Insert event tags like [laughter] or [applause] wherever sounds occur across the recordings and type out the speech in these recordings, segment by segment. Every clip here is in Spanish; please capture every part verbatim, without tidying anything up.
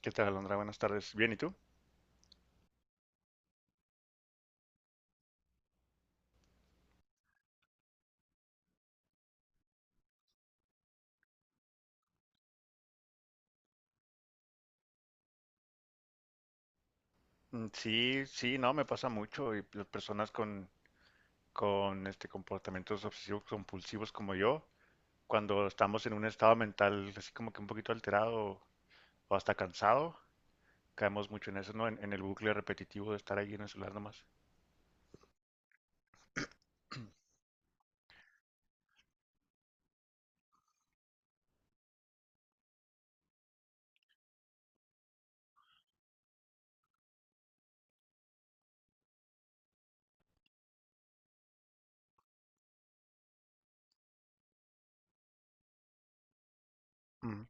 ¿Qué tal, Alondra? Buenas tardes. Bien, ¿y tú? Mm, sí, sí, no, me pasa mucho y las personas con, con este comportamientos obsesivos compulsivos como yo, cuando estamos en un estado mental así como que un poquito alterado o hasta cansado, caemos mucho en eso, ¿no? En, en el bucle repetitivo de estar ahí en el celular nomás. Ujú.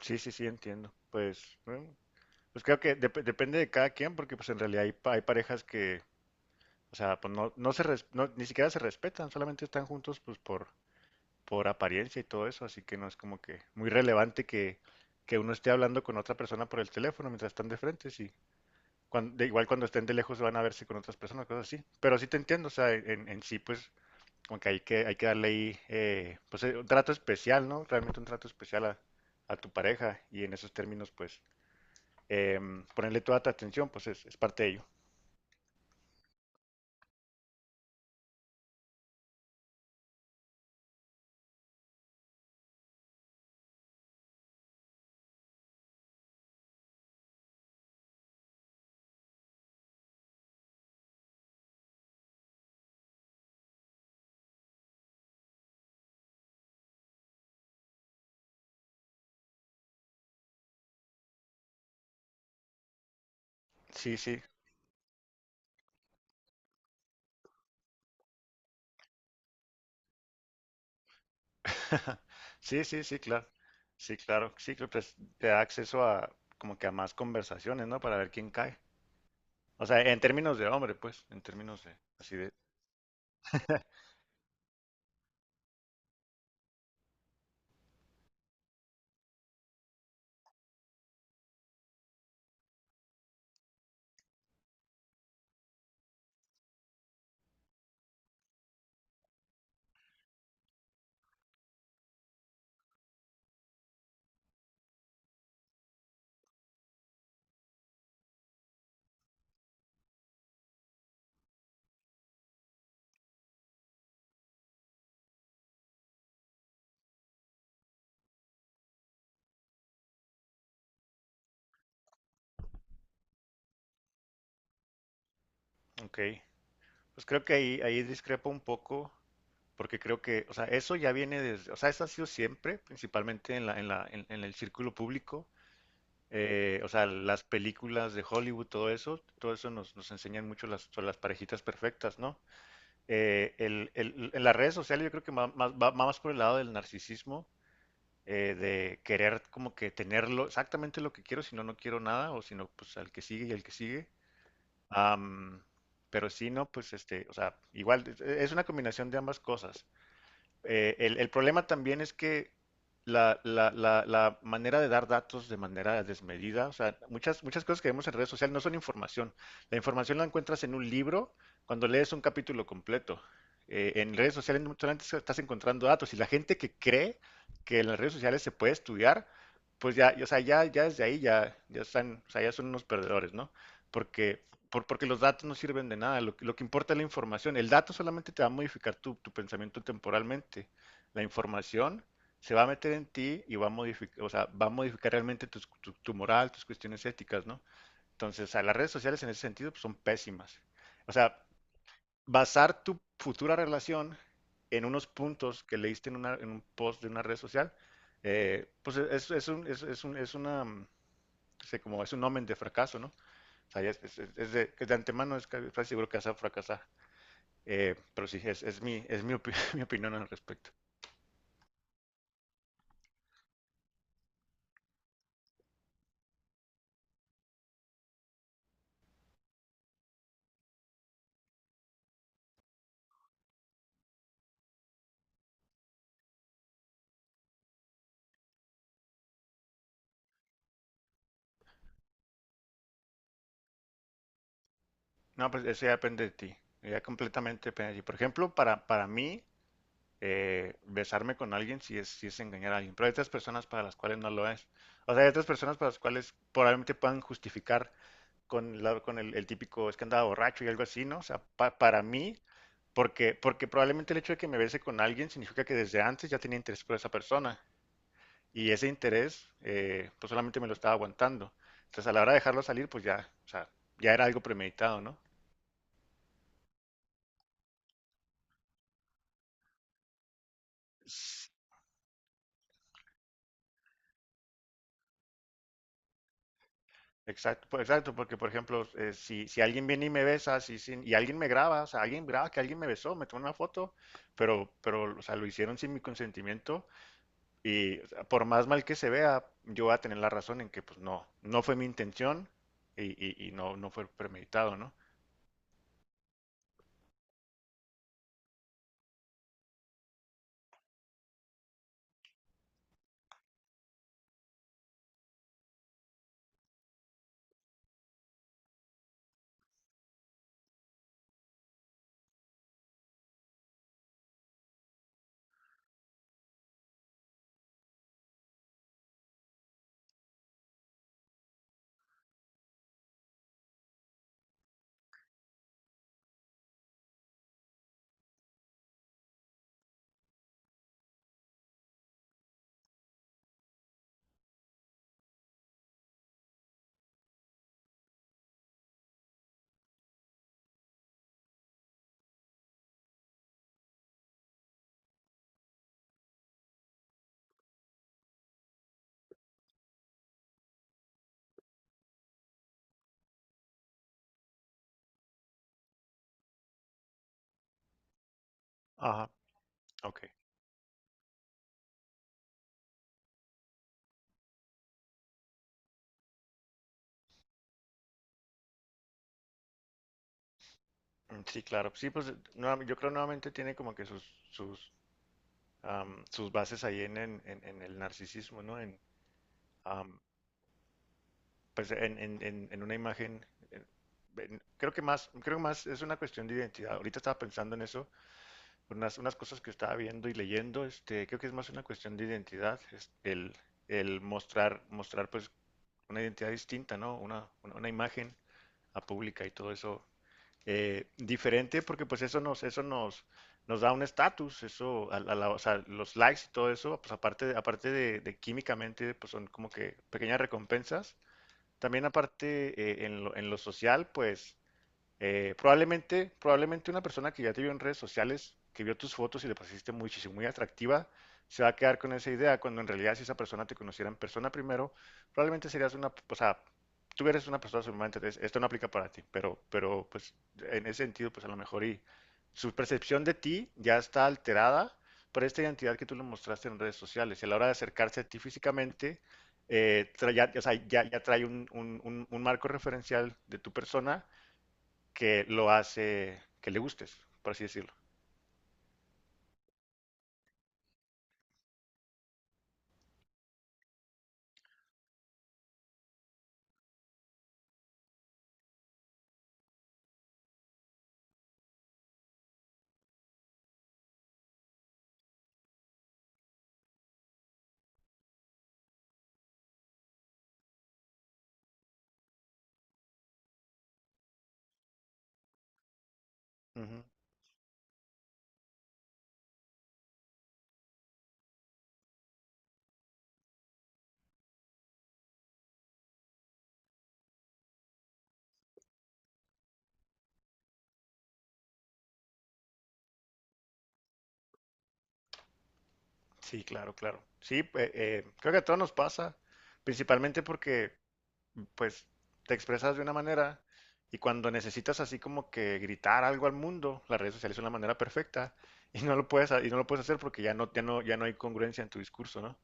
Sí, sí, sí, entiendo. Pues, bueno, pues creo que dep- depende de cada quien, porque pues en realidad hay, pa- hay parejas que, o sea, pues no, no se res- no, ni siquiera se respetan, solamente están juntos pues por, por apariencia y todo eso, así que no es como que muy relevante que, que uno esté hablando con otra persona por el teléfono mientras están de frente, sí. Cuan- de, igual cuando estén de lejos van a verse con otras personas, cosas así. Pero sí te entiendo, o sea, en, en sí, pues, como que hay que, hay que darle ahí, eh, pues, eh, un trato especial, ¿no? Realmente un trato especial a, a tu pareja y en esos términos, pues, em, ponerle toda tu atención, pues, es, es parte de ello. Sí, sí. [laughs] Sí, sí, sí, claro. Sí, claro. Sí, creo que es- te da acceso a como que a más conversaciones, ¿no? Para ver quién cae. O sea, en términos de hombre, pues, en términos de así de, ok. Pues creo que ahí ahí discrepo un poco porque creo que, o sea, eso ya viene desde, o sea, eso ha sido siempre, principalmente en la en la en, en el círculo público. eh, o sea, las películas de Hollywood, todo eso, todo eso nos, nos enseñan mucho las, sobre las parejitas perfectas, ¿no? eh, el- el- en las redes sociales yo creo que va más, va- va más por el lado del narcisismo, eh, de querer como que tenerlo exactamente lo que quiero, si no, no quiero nada, o si no, pues al que sigue y al que sigue. Am, pero si no, pues este, o sea, igual es es una combinación de ambas cosas. Eh, el, el problema también es que la, la, la, la manera de dar datos de manera desmedida, o sea, muchas, muchas cosas que vemos en redes sociales no son información. La información la encuentras en un libro cuando lees un capítulo completo. Eh, en redes sociales no solamente se- estás encontrando datos y la gente que cree que en las redes sociales se puede estudiar, pues ya, o sea, ya, ya desde ahí ya, ya están, o sea, ya son unos perdedores, ¿no? Porque por- porque los datos no sirven de nada, lo, que lo que importa es la información. El dato solamente te va a modificar tu, tu pensamiento temporalmente. La información se va a meter en ti y va a modificar, o sea, va a modificar realmente tus- tu, tu moral, tus cuestiones éticas, ¿no? Entonces, o sea, las redes sociales en ese sentido pues, son pésimas. O sea, basar tu futura relación en unos puntos que leíste en, una- en un post de una red social, eh, pues es, es un, es, es un, es una, mm, no como es un omen de fracaso, ¿no? O sea, ya es, es- es de, es de antemano, es casi seguro que vas a fracasar. Eh, pero sí, es, es mi, es mi, opi- [laughs] mi opinión al respecto. No, pues eso ya depende de ti. Ya completamente depende de ti. Por ejemplo, para, para mí, eh, besarme con alguien sí es, sí es engañar a alguien. Pero hay otras personas para las cuales no lo es. O sea, hay otras personas para las cuales probablemente puedan justificar con, la- con el, el típico es que andaba borracho y algo así, ¿no? O sea, pa- para mí, porque, porque probablemente el hecho de que me bese con alguien significa que desde antes ya tenía interés por esa persona. Y ese interés, eh, pues solamente me lo estaba aguantando. Entonces, a la hora de dejarlo salir, pues ya, o sea, ya era algo premeditado, ¿no? S- Exacto, pues, exacto, porque por ejemplo, eh, si, si alguien viene y me besa, si, si- y alguien me graba, o sea, alguien graba que alguien me besó, me toma una foto, pero, pero, o sea, lo hicieron sin mi consentimiento y o sea, por más mal que se vea, yo voy a tener la razón en que, pues no, no fue mi intención y, y- y no, no fue premeditado, ¿no? Ajá, ok. Mm, sí, claro. Sí, pues nueva- yo creo nuevamente tiene como que sus, sus um, sus bases ahí en, en, en, el narcisismo, ¿no? En, um, pues en, en, en una imagen, en, en, creo que más, creo más es una cuestión de identidad. Ahorita estaba pensando en eso, unas, unas cosas que estaba viendo y leyendo, este, creo que es más una cuestión de identidad, es el, el mostrar, mostrar pues una identidad distinta, ¿no? Una, una, una imagen a pública y todo eso eh, diferente porque pues eso nos, eso nos, nos da un estatus, eso, a a la- o sea, los likes y todo eso, pues aparte, aparte de, de químicamente, pues son como que pequeñas recompensas. También aparte eh, en lo, en lo social, pues eh, probablemente, probablemente una persona que ya te vio en redes sociales, que vio tus fotos y le pareciste muchísimo, muy atractiva, se va a quedar con esa idea, cuando en realidad si esa persona te conociera en persona primero, probablemente serías una, o sea, tú eres una persona sumamente, entonces, esto no aplica para ti, pero, pero pues en ese sentido, pues a lo mejor y su percepción de ti ya está alterada por esta identidad que tú le mostraste en redes sociales. Y a la hora de acercarse a ti físicamente, eh, tra- ya, o sea, ya- ya trae un, un- un- un marco referencial de tu persona que lo hace que le gustes, por así decirlo. Ujú. Sí, claro, claro. Sí, pe- eh, creo que a todos nos pasa, principalmente porque pues te expresas de una manera y cuando necesitas así como que gritar algo al mundo, las redes sociales son la manera perfecta [laughs] y no lo puedes ha- y no lo puedes hacer porque ya no ya no ya no hay congruencia en tu discurso, ¿no?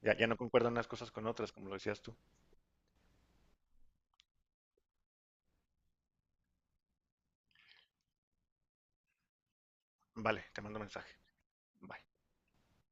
Ya, ya no concuerdan unas cosas con otras, como lo decías tú. Vale, te mando un mensaje. Bye.